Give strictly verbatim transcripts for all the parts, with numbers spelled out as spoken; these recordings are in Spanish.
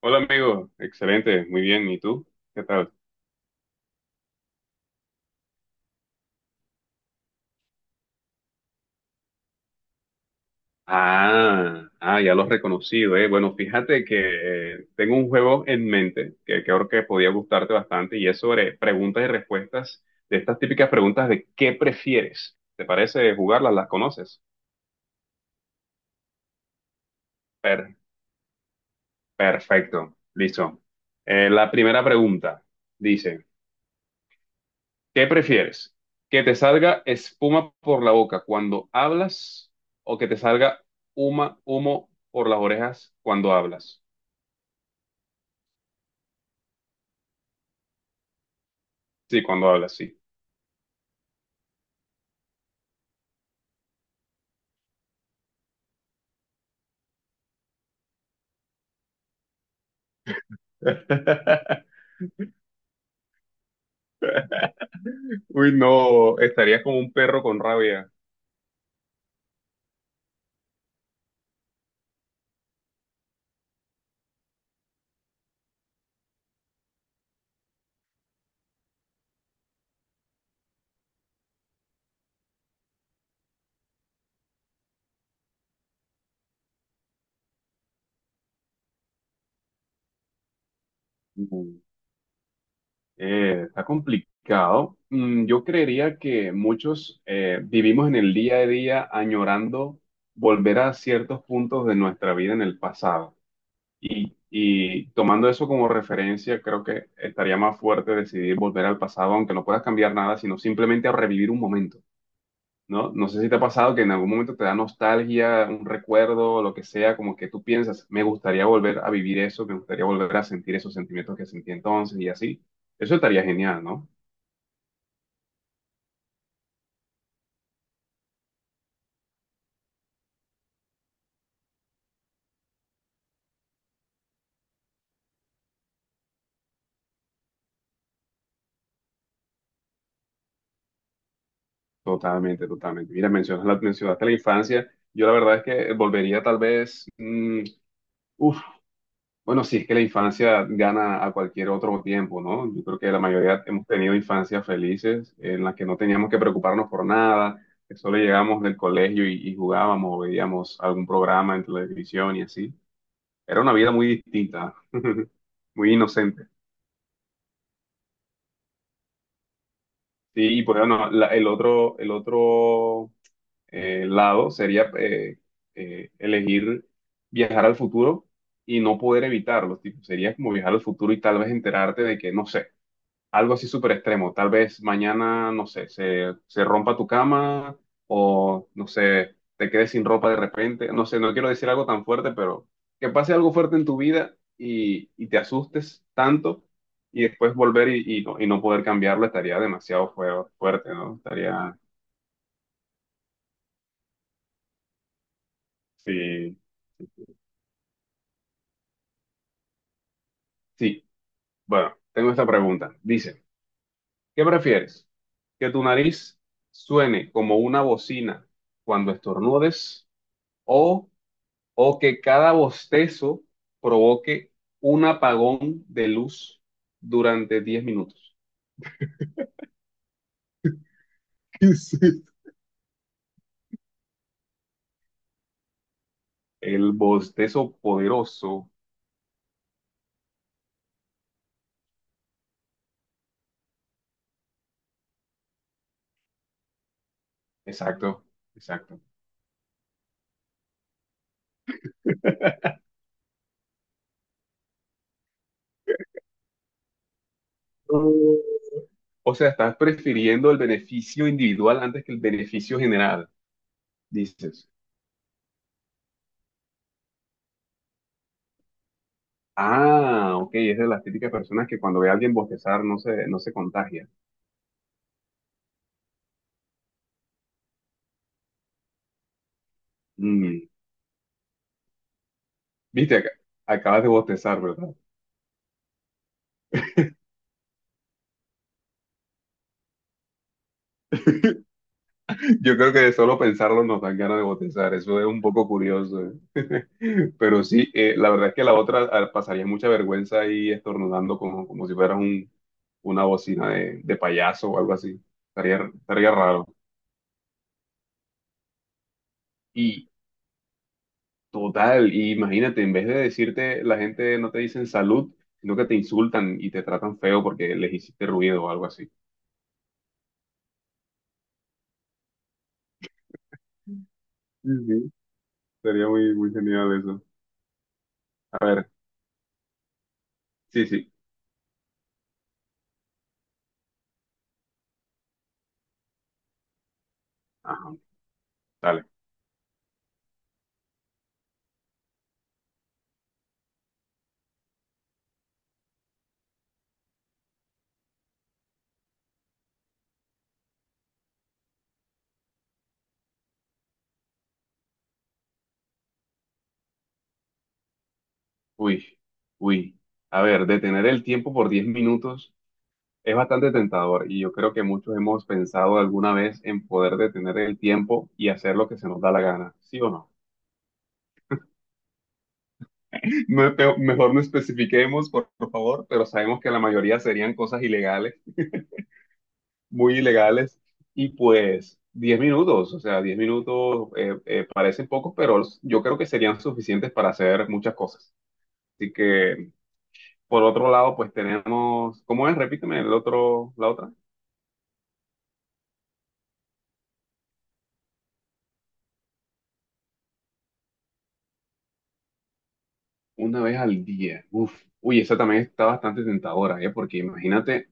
Hola amigo, excelente, muy bien, ¿y tú? ¿Qué tal? Ah, ah, ya lo has reconocido, eh. Bueno, fíjate que eh, tengo un juego en mente que creo que podía gustarte bastante y es sobre preguntas y respuestas de estas típicas preguntas de ¿qué prefieres? ¿Te parece jugarlas? ¿Las conoces? Per- Perfecto, listo. Eh, la primera pregunta dice... ¿Qué prefieres? ¿Que te salga espuma por la boca cuando hablas o que te salga huma- humo por las orejas cuando hablas? Sí, cuando hablas, sí. Uy, no, estarías como un perro con rabia. Mm, eh, Está complicado. Mm, yo creería que muchos eh, vivimos en el día a día añorando volver a ciertos puntos de nuestra vida en el pasado. Y, y tomando eso como referencia, creo que estaría más fuerte decidir volver al pasado, aunque no puedas cambiar nada, sino simplemente a revivir un momento, ¿no? No sé si te ha pasado que en algún momento te da nostalgia, un recuerdo, lo que sea, como que tú piensas, me gustaría volver a vivir eso, me gustaría volver a sentir esos sentimientos que sentí entonces y así. Eso estaría genial, ¿no? Totalmente, totalmente. Mira, mencionas la, mencionaste la infancia. Yo la verdad es que volvería tal vez, uff, bueno, sí, es que la infancia gana a cualquier otro tiempo, ¿no? Yo creo que la mayoría hemos tenido infancias felices en las que no teníamos que preocuparnos por nada, que solo llegábamos del colegio y, y jugábamos o veíamos algún programa en televisión y así. Era una vida muy distinta, muy inocente. Sí, y pues bueno, la- el otro, el otro eh, lado sería eh, eh, elegir viajar al futuro y no poder evitarlo, tipo, sería como viajar al futuro y tal vez enterarte de que, no sé, algo así súper extremo. Tal vez mañana, no sé, se, se rompa tu cama o, no sé, te quedes sin ropa de repente. No sé, no quiero decir algo tan fuerte, pero que pase algo fuerte en tu vida y, y te asustes tanto y después volver y, y no, y no poder cambiarlo estaría demasiado fue- fuerte, ¿no? Estaría, sí, sí. Bueno, tengo esta pregunta. Dice, ¿qué prefieres? ¿Que tu nariz suene como una bocina cuando estornudes o o que cada bostezo provoque un apagón de luz durante diez minutos? ¿Qué es esto? El bostezo poderoso. Exacto, exacto. No. O sea, estás prefiriendo el beneficio individual antes que el beneficio general, dices. Ah, ok, es de las típicas personas que cuando ve a alguien bostezar no se, no se contagia. Mm. Viste, ac- acabas de bostezar, ¿verdad? Yo creo que de solo pensarlo nos dan ganas de bostezar, eso es un poco curioso, ¿eh? Pero sí, eh, la verdad es que la otra ah, pasaría mucha vergüenza ahí estornudando como, como si fueras un, una bocina de, de payaso o algo así. Estaría, estaría raro. Y total, imagínate, en vez de decirte, la gente no te dicen salud, sino que te insultan y te tratan feo porque les hiciste ruido o algo así. Sí, sí, sería muy, muy genial eso. A ver, sí, sí. Ajá, dale. Uy, uy. A ver, detener el tiempo por diez minutos. Es bastante tentador y yo creo que muchos hemos pensado alguna vez en poder detener el tiempo y hacer lo que se nos da la gana, ¿sí o no? No, pe- mejor no especifiquemos, por, por favor, pero sabemos que la mayoría serían cosas ilegales, muy ilegales, y pues diez minutos, o sea, diez minutos eh, eh, parecen pocos, pero yo creo que serían suficientes para hacer muchas cosas. Así que, por otro lado, pues tenemos, ¿cómo es? Repíteme el otro, la otra. Una vez al día. Uf. Uy, esa también está bastante tentadora, ¿eh? Porque imagínate,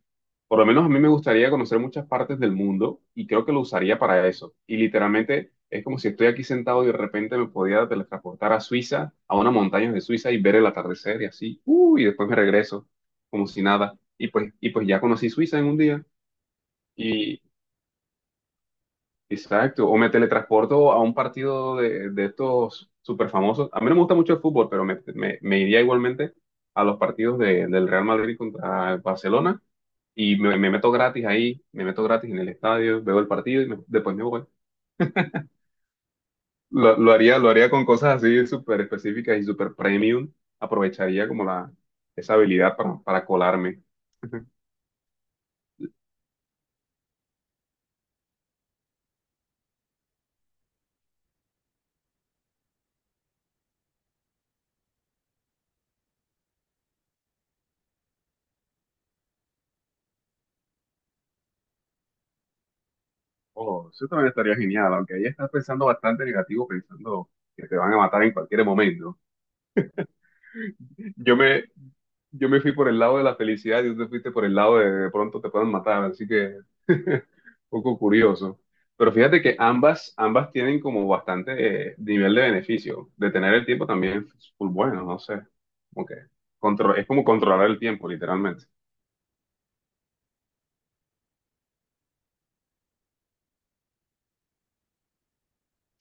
por lo menos a mí me gustaría conocer muchas partes del mundo y creo que lo usaría para eso. Y literalmente es como si estoy aquí sentado y de repente me podía teletransportar a Suiza, a una montaña de Suiza y ver el atardecer y así. Uy, y después me regreso como si nada. Y pues, y pues ya conocí Suiza en un día. Exacto, o me teletransporto a un partido de, de estos super famosos. A mí no me gusta mucho el fútbol, pero me, me- me iría igualmente a los partidos de- del Real Madrid contra el Barcelona y me, me meto gratis ahí, me meto gratis en el estadio, veo el partido y me- después me voy. Lo, lo haría, lo haría con cosas así súper específicas y súper premium. Aprovecharía como la, esa habilidad para, para colarme. Oh, eso también estaría genial, aunque ahí estás pensando bastante negativo, pensando que te van a matar en cualquier momento. Yo me, yo me fui por el lado de la felicidad y tú te fuiste por el lado de de pronto te pueden matar, así que un poco curioso. Pero fíjate que ambas, ambas tienen como bastante eh, nivel de beneficio. Detener el tiempo también es full bueno, no sé. Como que contro- es como controlar el tiempo, literalmente.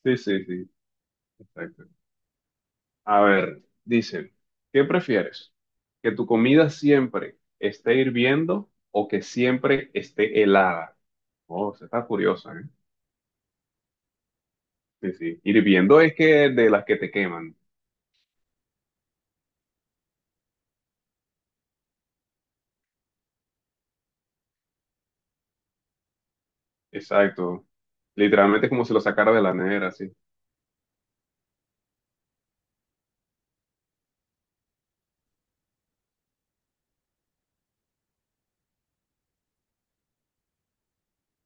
Sí, sí, sí, exacto. A ver, dice, ¿qué prefieres? ¿Que tu comida siempre esté hirviendo o que siempre esté helada? Oh, se está curiosa, ¿eh? Sí, sí. Hirviendo es que de las que te queman. Exacto. Literalmente es como si lo sacara de la nevera, sí.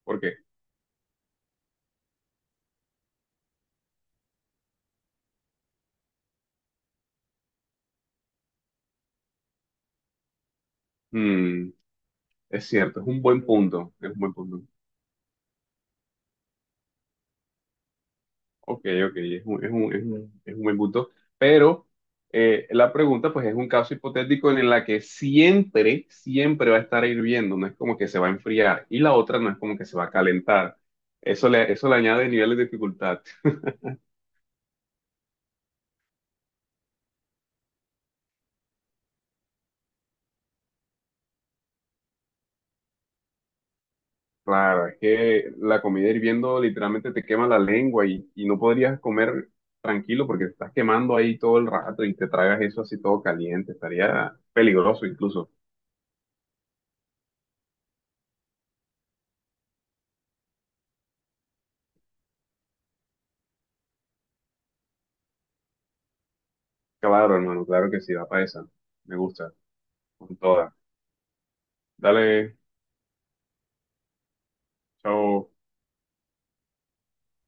¿Por qué? Mm, es cierto, es un buen punto. Es un buen punto. Ok, ok, es un, es un, es un- es un buen punto. Pero eh, la pregunta, pues, es un caso hipotético en la que siempre, siempre va a estar hirviendo. No es como que se va a enfriar. Y la otra no es como que se va a calentar. Eso le, eso le añade niveles de dificultad. Claro, es que la comida hirviendo literalmente te quema la lengua y, y no podrías comer tranquilo porque te estás quemando ahí todo el rato y te tragas eso así todo caliente, estaría peligroso incluso. Claro, hermano, claro que sí, va para esa. Me gusta, con toda. Dale, chao.